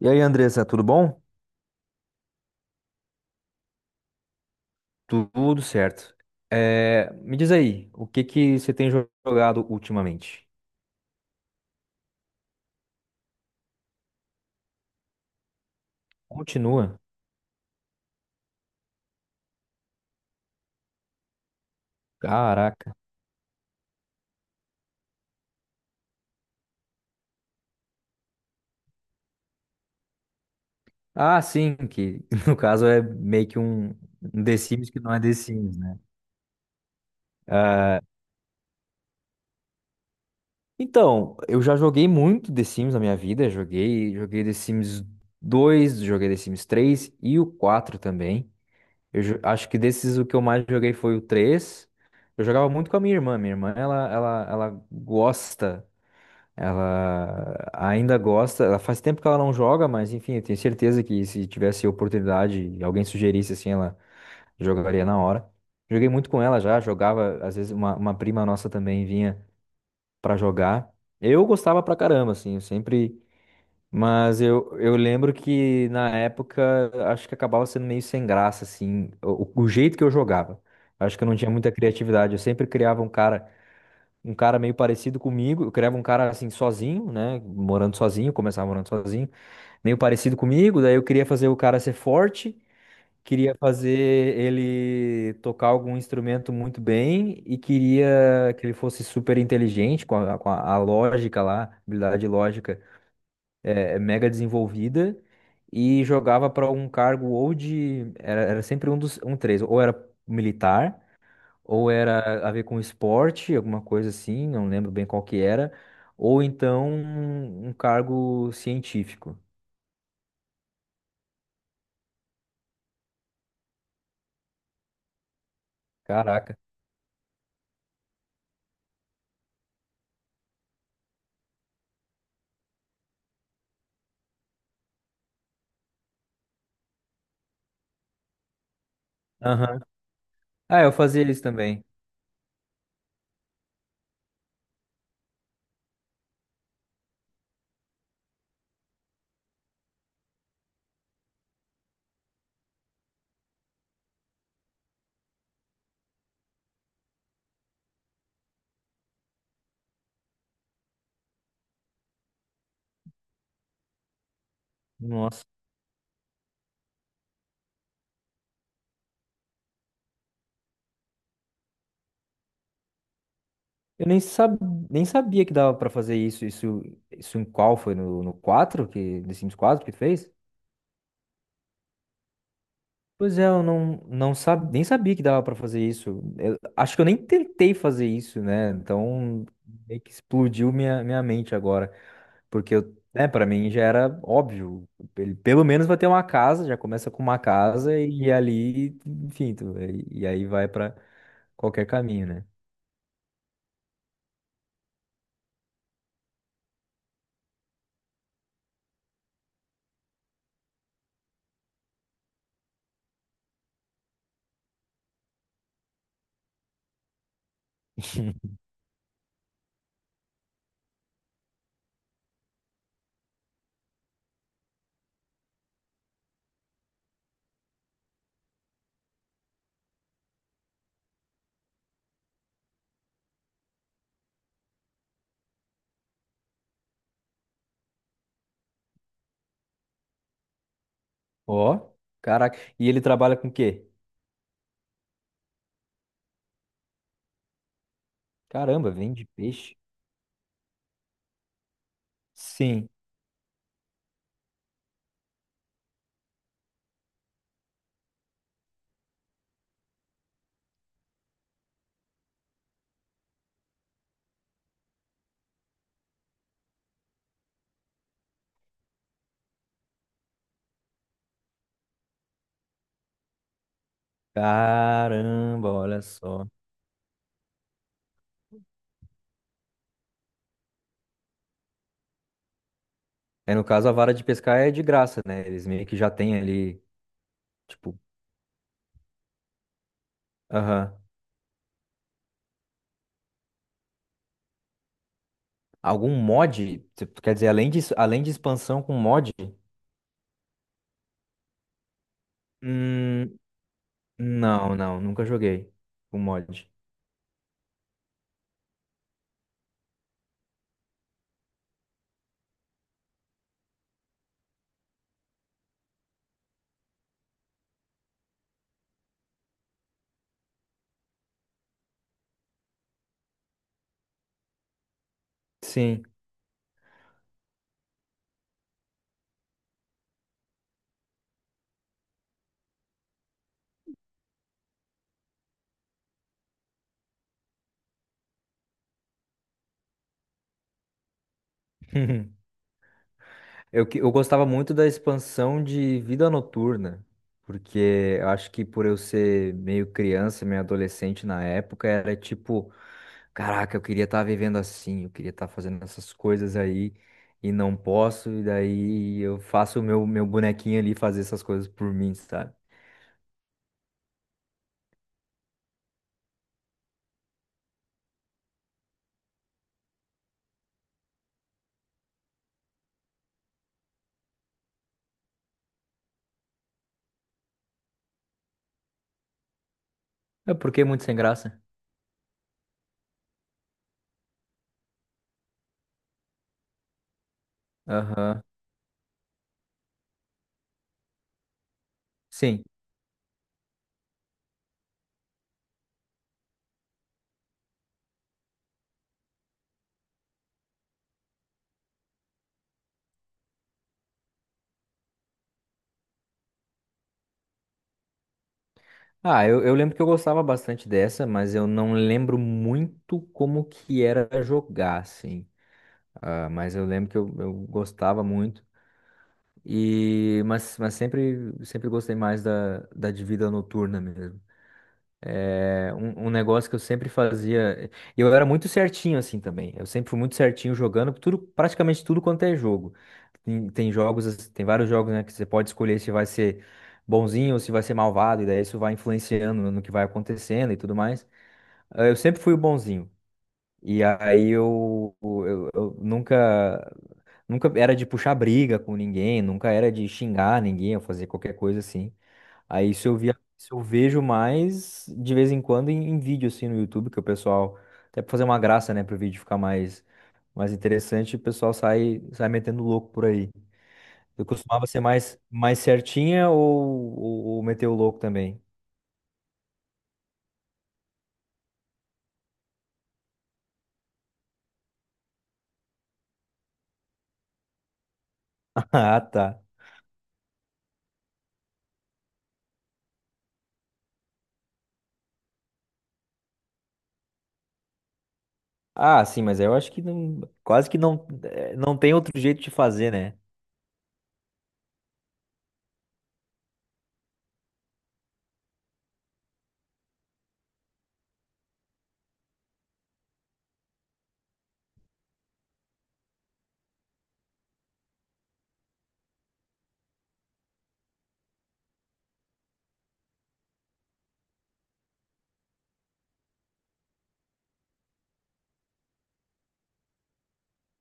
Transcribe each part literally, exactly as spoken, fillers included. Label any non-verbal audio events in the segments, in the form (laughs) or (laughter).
E aí, Andressa, tudo bom? Tudo certo. É, me diz aí, o que que você tem jo- jogado ultimamente? Continua. Caraca. Ah, sim, que (laughs) no caso é meio que um, um The Sims que não é The Sims, né? Ah, então, eu já joguei muito The Sims na minha vida. Joguei, joguei The Sims dois, joguei The Sims três e o quatro também. Eu jo- acho que desses o que eu mais joguei foi o três. Eu jogava muito com a minha irmã. Minha irmã, ela, ela, ela gosta. Ela ainda gosta, ela faz tempo que ela não joga, mas enfim, eu tenho certeza que se tivesse oportunidade e alguém sugerisse assim, ela jogaria na hora. Joguei muito com ela já, jogava, às vezes uma, uma prima nossa também vinha pra jogar. Eu gostava pra caramba, assim, eu sempre. Mas eu, eu lembro que na época acho que acabava sendo meio sem graça, assim, o, o jeito que eu jogava. Acho que eu não tinha muita criatividade, eu sempre criava um cara um cara meio parecido comigo. Eu criava um cara assim sozinho, né? Morando sozinho, começava morando sozinho, meio parecido comigo. Daí eu queria fazer o cara ser forte, queria fazer ele tocar algum instrumento muito bem e queria que ele fosse super inteligente com a, com a, a lógica lá, habilidade lógica é, é mega desenvolvida. E jogava para um cargo ou de. Era, era sempre um dos. Um três. Ou era militar, ou era a ver com esporte, alguma coisa assim, não lembro bem qual que era, ou então um um cargo científico. Caraca. Aham. Ah, eu fazia isso também. Nossa. Eu nem, sab... Nem sabia que dava pra fazer isso. Isso, isso em qual foi? No, no quatro que, The Sims quatro que fez? Pois é, eu não, não sab... nem sabia que dava pra fazer isso. Eu- acho que eu nem tentei fazer isso, né? Então, meio que explodiu minha, minha mente agora. Porque eu, né, para mim já era óbvio. Ele pelo menos vai ter uma casa, já começa com uma casa e ali, enfim, tu- e e aí vai pra qualquer caminho, né? Ó, caraca. E ele trabalha com o quê? Caramba, vende peixe? Sim. Caramba, olha só. É, no caso, a vara de pescar é de graça, né? Eles meio que já têm ali, tipo, aham. Algum mod, tu- quer dizer, além de, além de expansão com mod? Hum, não, não, nunca joguei com mod. Sim. (laughs) Eu, que- eu gostava muito da expansão de Vida Noturna, porque eu acho que por eu ser meio criança, meio adolescente na época, era tipo, caraca, eu queria estar vivendo assim, eu queria estar fazendo essas coisas aí e não posso, e daí eu faço o meu, meu bonequinho ali fazer essas coisas por mim, sabe? É porque é muito sem graça. Aham. Sim. Ah, eu, eu lembro que eu gostava bastante dessa, mas eu não lembro muito como que era jogar, assim. Ah, mas eu lembro que eu, eu gostava muito. E, mas, mas sempre, sempre gostei mais da, da de vida noturna mesmo. É um, um negócio que eu sempre fazia. E eu era muito certinho assim também. Eu sempre fui muito certinho jogando tudo, praticamente tudo quanto é jogo. Tem, tem jogos, assim- tem vários jogos, né, que você pode escolher se vai ser bonzinho ou se vai ser malvado, e daí isso vai influenciando no no que vai acontecendo e tudo mais. Ah, eu sempre fui o bonzinho. E aí eu, eu, eu nunca. Nunca era de puxar briga com ninguém, nunca era de xingar ninguém ou fazer qualquer coisa assim. Aí isso eu via, Isso eu vejo mais de vez em quando em, em vídeo assim no YouTube, que o pessoal, até pra fazer uma graça, né, pro vídeo ficar mais, mais interessante, o pessoal sai, sai metendo louco por aí. Eu costumava ser mais, mais certinha ou, ou, ou meter o louco também? (laughs) Ah, tá. Ah, sim, mas eu acho que não, quase que não, eh, não tem outro jeito de fazer, né?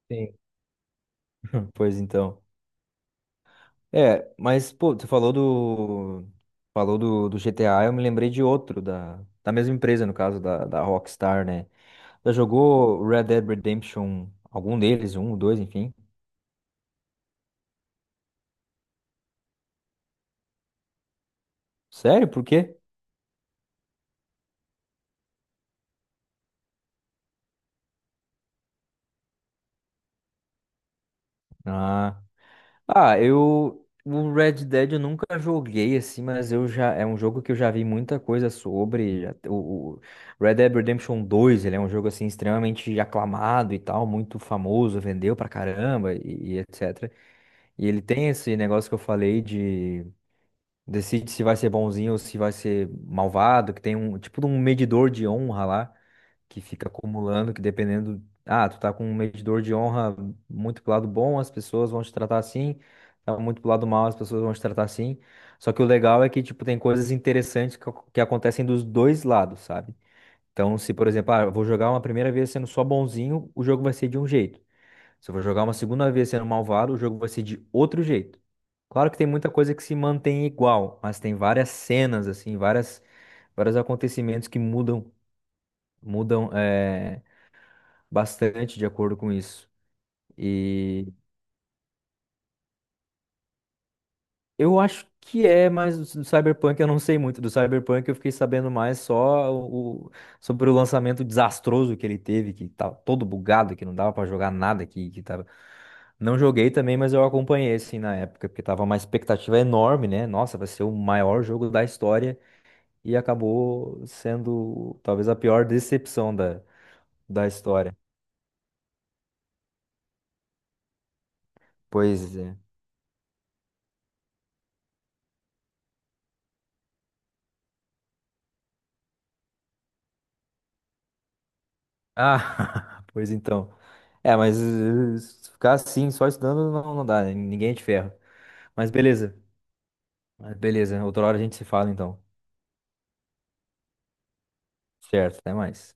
Sim. Pois então. É, mas, pô, você falou do. Falou do, do G T A, eu me lembrei de outro, da, da mesma empresa, no caso, da, da Rockstar, né? Já jogou Red Dead Redemption, algum deles, um, dois, enfim. Sério? Por quê? Ah, ah, eu. O Red Dead eu nunca joguei assim, mas eu já. É um jogo que eu já vi muita coisa sobre. Já- o, o Red Dead Redemption dois, ele é um jogo assim extremamente aclamado e tal, muito famoso, vendeu pra caramba e, e et cetera. E ele tem esse negócio que eu falei de decide se vai ser bonzinho ou se vai ser malvado, que tem um tipo de um medidor de honra lá que fica acumulando, que dependendo, ah, tu tá com um medidor de honra muito pro lado bom, as pessoas vão te tratar assim, tá muito pro lado mal, as pessoas vão te tratar assim. Só que o legal é que tipo tem coisas interessantes que, ac- que acontecem dos dois lados, sabe? Então, se por exemplo, ah, eu vou jogar uma primeira vez sendo só bonzinho, o jogo vai ser de um jeito. Se eu for jogar uma segunda vez sendo malvado, o jogo vai ser de outro jeito. Claro que tem muita coisa que se mantém igual, mas tem várias cenas, assim, várias, vários acontecimentos que mudam, mudam eh, bastante de acordo com isso. Eu acho que é, mas do Cyberpunk eu não sei muito. Do Cyberpunk eu fiquei sabendo mais só o, sobre o lançamento desastroso que ele teve, que tava todo bugado, que não dava pra jogar nada, que, que tava... Não joguei também, mas eu acompanhei assim na época, porque tava uma expectativa enorme, né? Nossa, vai ser o maior jogo da história e acabou sendo talvez a pior decepção da, da história. Pois é. Ah, (laughs) pois então. É, mas eh, se ficar assim, só estudando não, não dá, né? Ninguém é de ferro. Mas beleza. Mas beleza. Outra hora a gente se fala então. Certo, até mais.